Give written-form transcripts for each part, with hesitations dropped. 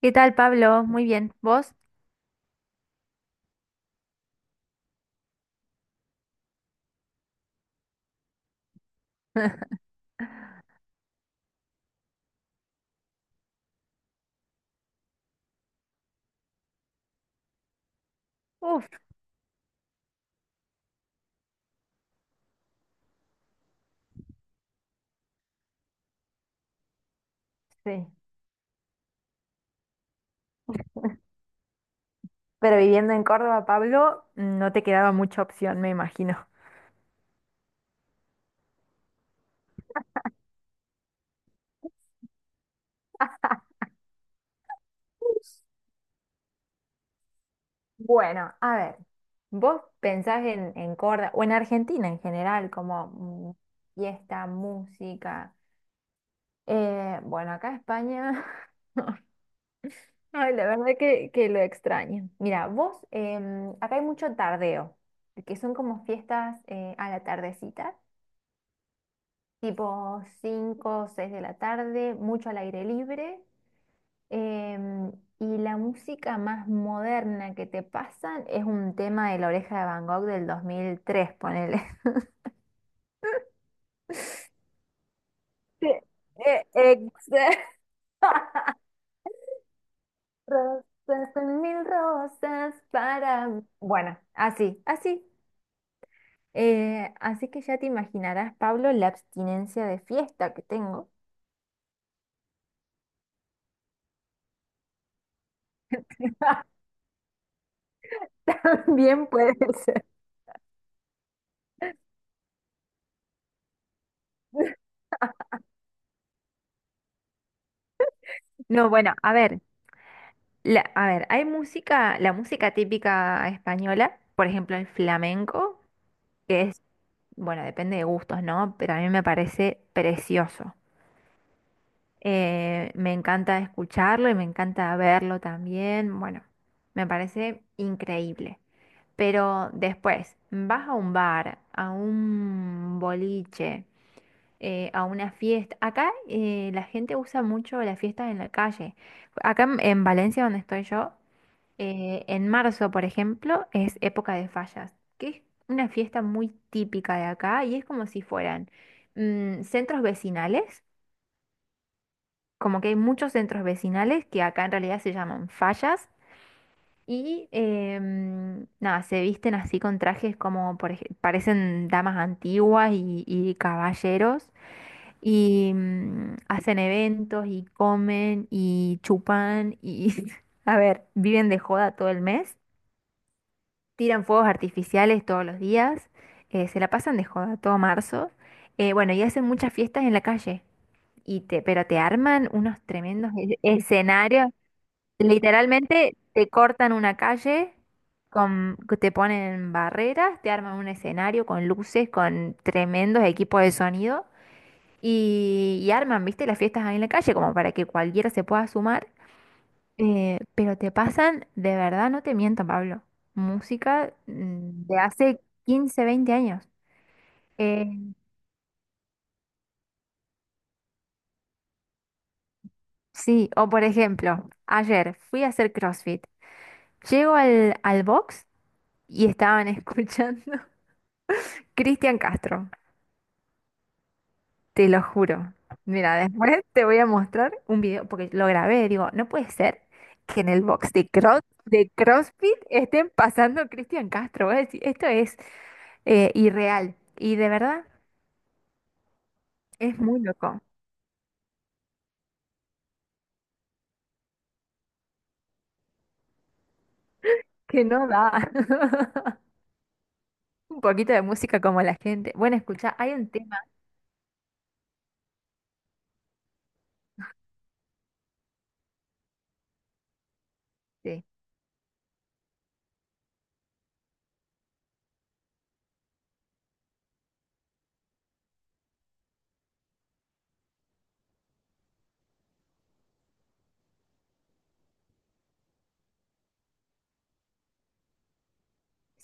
¿Qué tal, Pablo? Muy bien. ¿Vos? Uf, sí. Pero viviendo en Córdoba, Pablo, no te quedaba mucha opción, me imagino. Bueno, a ver, vos pensás en Córdoba o en Argentina en general, como fiesta, música. Bueno, acá España. Ay, la verdad que lo extraño. Mira, vos, acá hay mucho tardeo, que son como fiestas a la tardecita. Tipo 5 o 6 de la tarde, mucho al aire libre. em, y la música más moderna que te pasan es un tema de La Oreja de Van Gogh del 2003, ponele. Sí, eh, eh, Rosas, son mil rosas para mí. Bueno, así, así. Así que ya te imaginarás, Pablo, la abstinencia de fiesta que tengo. Bien puede ser. No, bueno, a ver, a ver, hay música, la música típica española, por ejemplo el flamenco, que es, bueno, depende de gustos, ¿no? Pero a mí me parece precioso. Me encanta escucharlo y me encanta verlo también. Bueno, me parece increíble. Pero después, vas a un bar, a un boliche, a una fiesta. Acá la gente usa mucho las fiestas en la calle. Acá en Valencia, donde estoy yo. En marzo, por ejemplo, es época de fallas, que es una fiesta muy típica de acá y es como si fueran centros vecinales, como que hay muchos centros vecinales que acá en realidad se llaman fallas y nada, se visten así con trajes como parecen damas antiguas y caballeros y hacen eventos y comen y chupan y a ver, viven de joda todo el mes. Tiran fuegos artificiales todos los días, se la pasan de joda todo marzo. Bueno y hacen muchas fiestas en la calle, pero te arman unos tremendos escenarios, literalmente te cortan una calle, te ponen barreras, te arman un escenario con luces, con tremendos equipos de sonido, y arman, viste, las fiestas ahí en la calle, como para que cualquiera se pueda sumar. Pero te pasan, de verdad, no te miento, Pablo, música de hace 15, 20 años. Eh, sí, o por ejemplo, ayer fui a hacer CrossFit. Llego al box y estaban escuchando Cristian Castro, te lo juro. Mira, después te voy a mostrar un video, porque lo grabé, digo, no puede ser que en el box de CrossFit estén pasando Cristian Castro. Voy a decir, esto es irreal y de verdad es muy loco. Que no da. Un poquito de música como la gente. Bueno, escucha, hay un tema. Sí,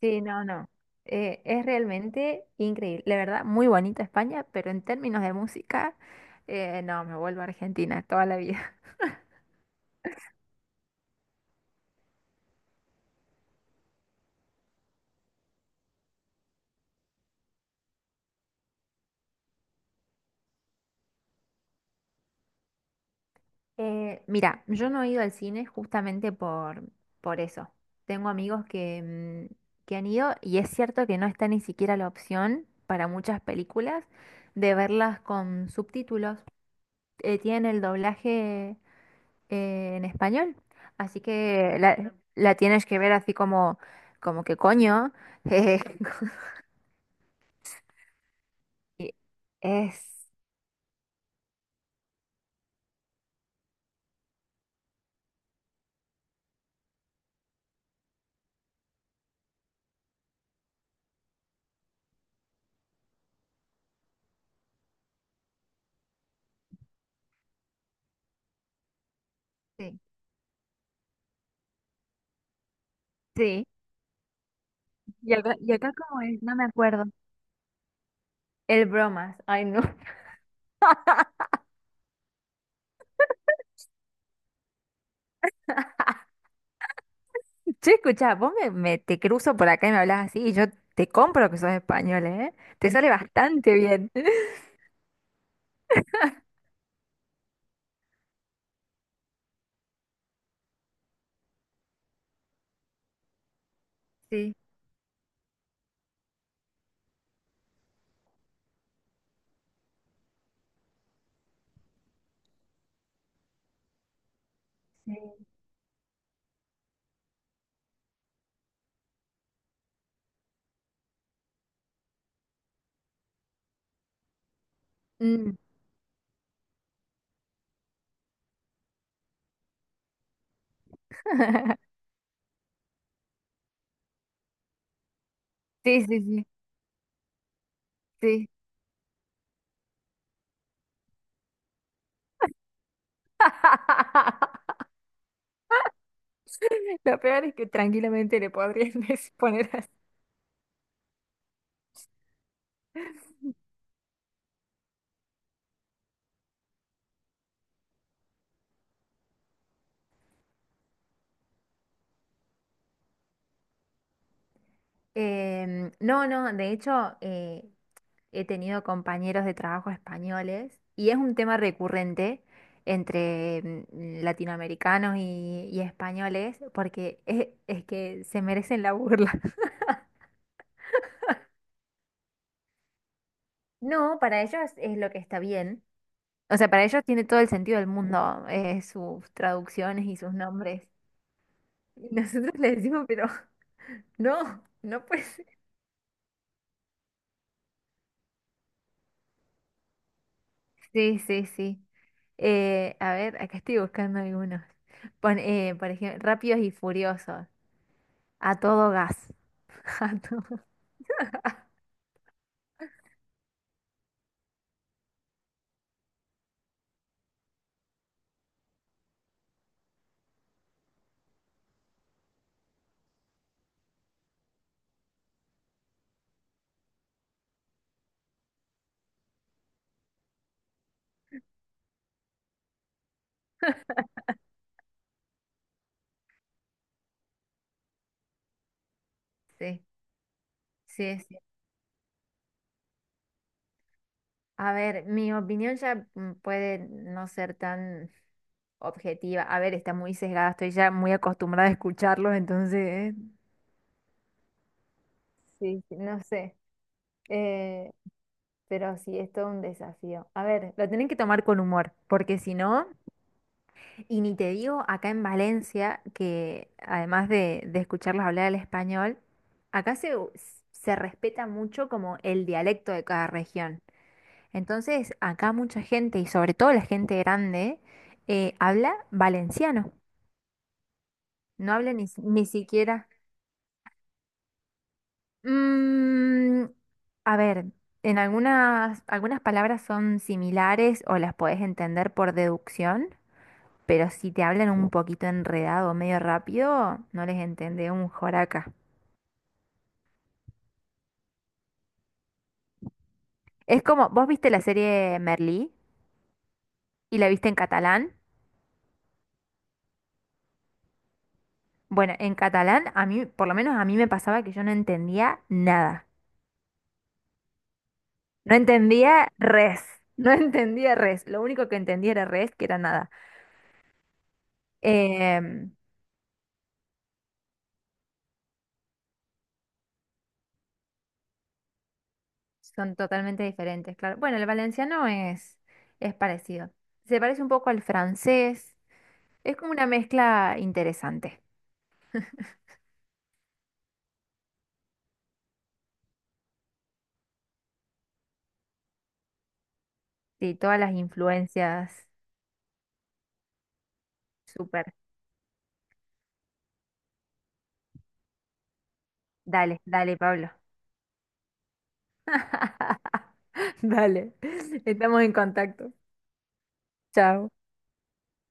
sí, no, no. Es realmente increíble. La verdad, muy bonita España, pero en términos de música, no, me vuelvo a Argentina toda la vida. Mira, yo no he ido al cine justamente por eso. Tengo amigos que han ido y es cierto que no está ni siquiera la opción para muchas películas de verlas con subtítulos. Tienen el doblaje en español. Así que la tienes que ver así como, como que coño. eh, y es, sí, sí. Y acá como es, no me acuerdo. El bromas, ay no. Che, escucha, vos te cruzo por acá y me hablas así y yo te compro que sos español, ¿eh? Te sale bastante bien. Sí, sí. Mm. Sí, sí, sí, sí. Lo peor es que tranquilamente le podrían poner así. No, no, de hecho eh, he tenido compañeros de trabajo españoles y es un tema recurrente entre latinoamericanos y españoles porque es que se merecen la burla. No, para ellos es lo que está bien. O sea, para ellos tiene todo el sentido del mundo sus traducciones y sus nombres. Y nosotros les decimos, pero no, no, pues sí, sí, sí. A ver, acá estoy buscando algunos. Por ejemplo, Rápidos y Furiosos. A todo gas. A todo. Sí, sí, sí. A ver, mi opinión ya puede no ser tan objetiva. A ver, está muy sesgada. Estoy ya muy acostumbrada a escucharlos, entonces, sí, sí, no sé. Eh, pero sí, es todo un desafío. A ver, lo tienen que tomar con humor, porque si no. Y ni te digo acá en Valencia, que además de escucharlos hablar el español, acá se respeta mucho como el dialecto de cada región. Entonces, acá mucha gente, y sobre todo la gente grande, habla valenciano. No habla ni siquiera. Mm, a ver, en algunas palabras son similares o las podés entender por deducción, pero si te hablan un poquito enredado, medio rápido, no les entendés un joraca. Es como, vos viste la serie Merlí y la viste en catalán. Bueno, en catalán, a mí, por lo menos a mí me pasaba que yo no entendía nada. No entendía res. No entendía res. Lo único que entendía era res, que era nada. Em, Son totalmente diferentes, claro. Bueno, el valenciano es parecido. Se parece un poco al francés. Es como una mezcla interesante. Sí, todas las influencias. Súper. Dale, dale, Pablo. Dale. Estamos en contacto. Chao.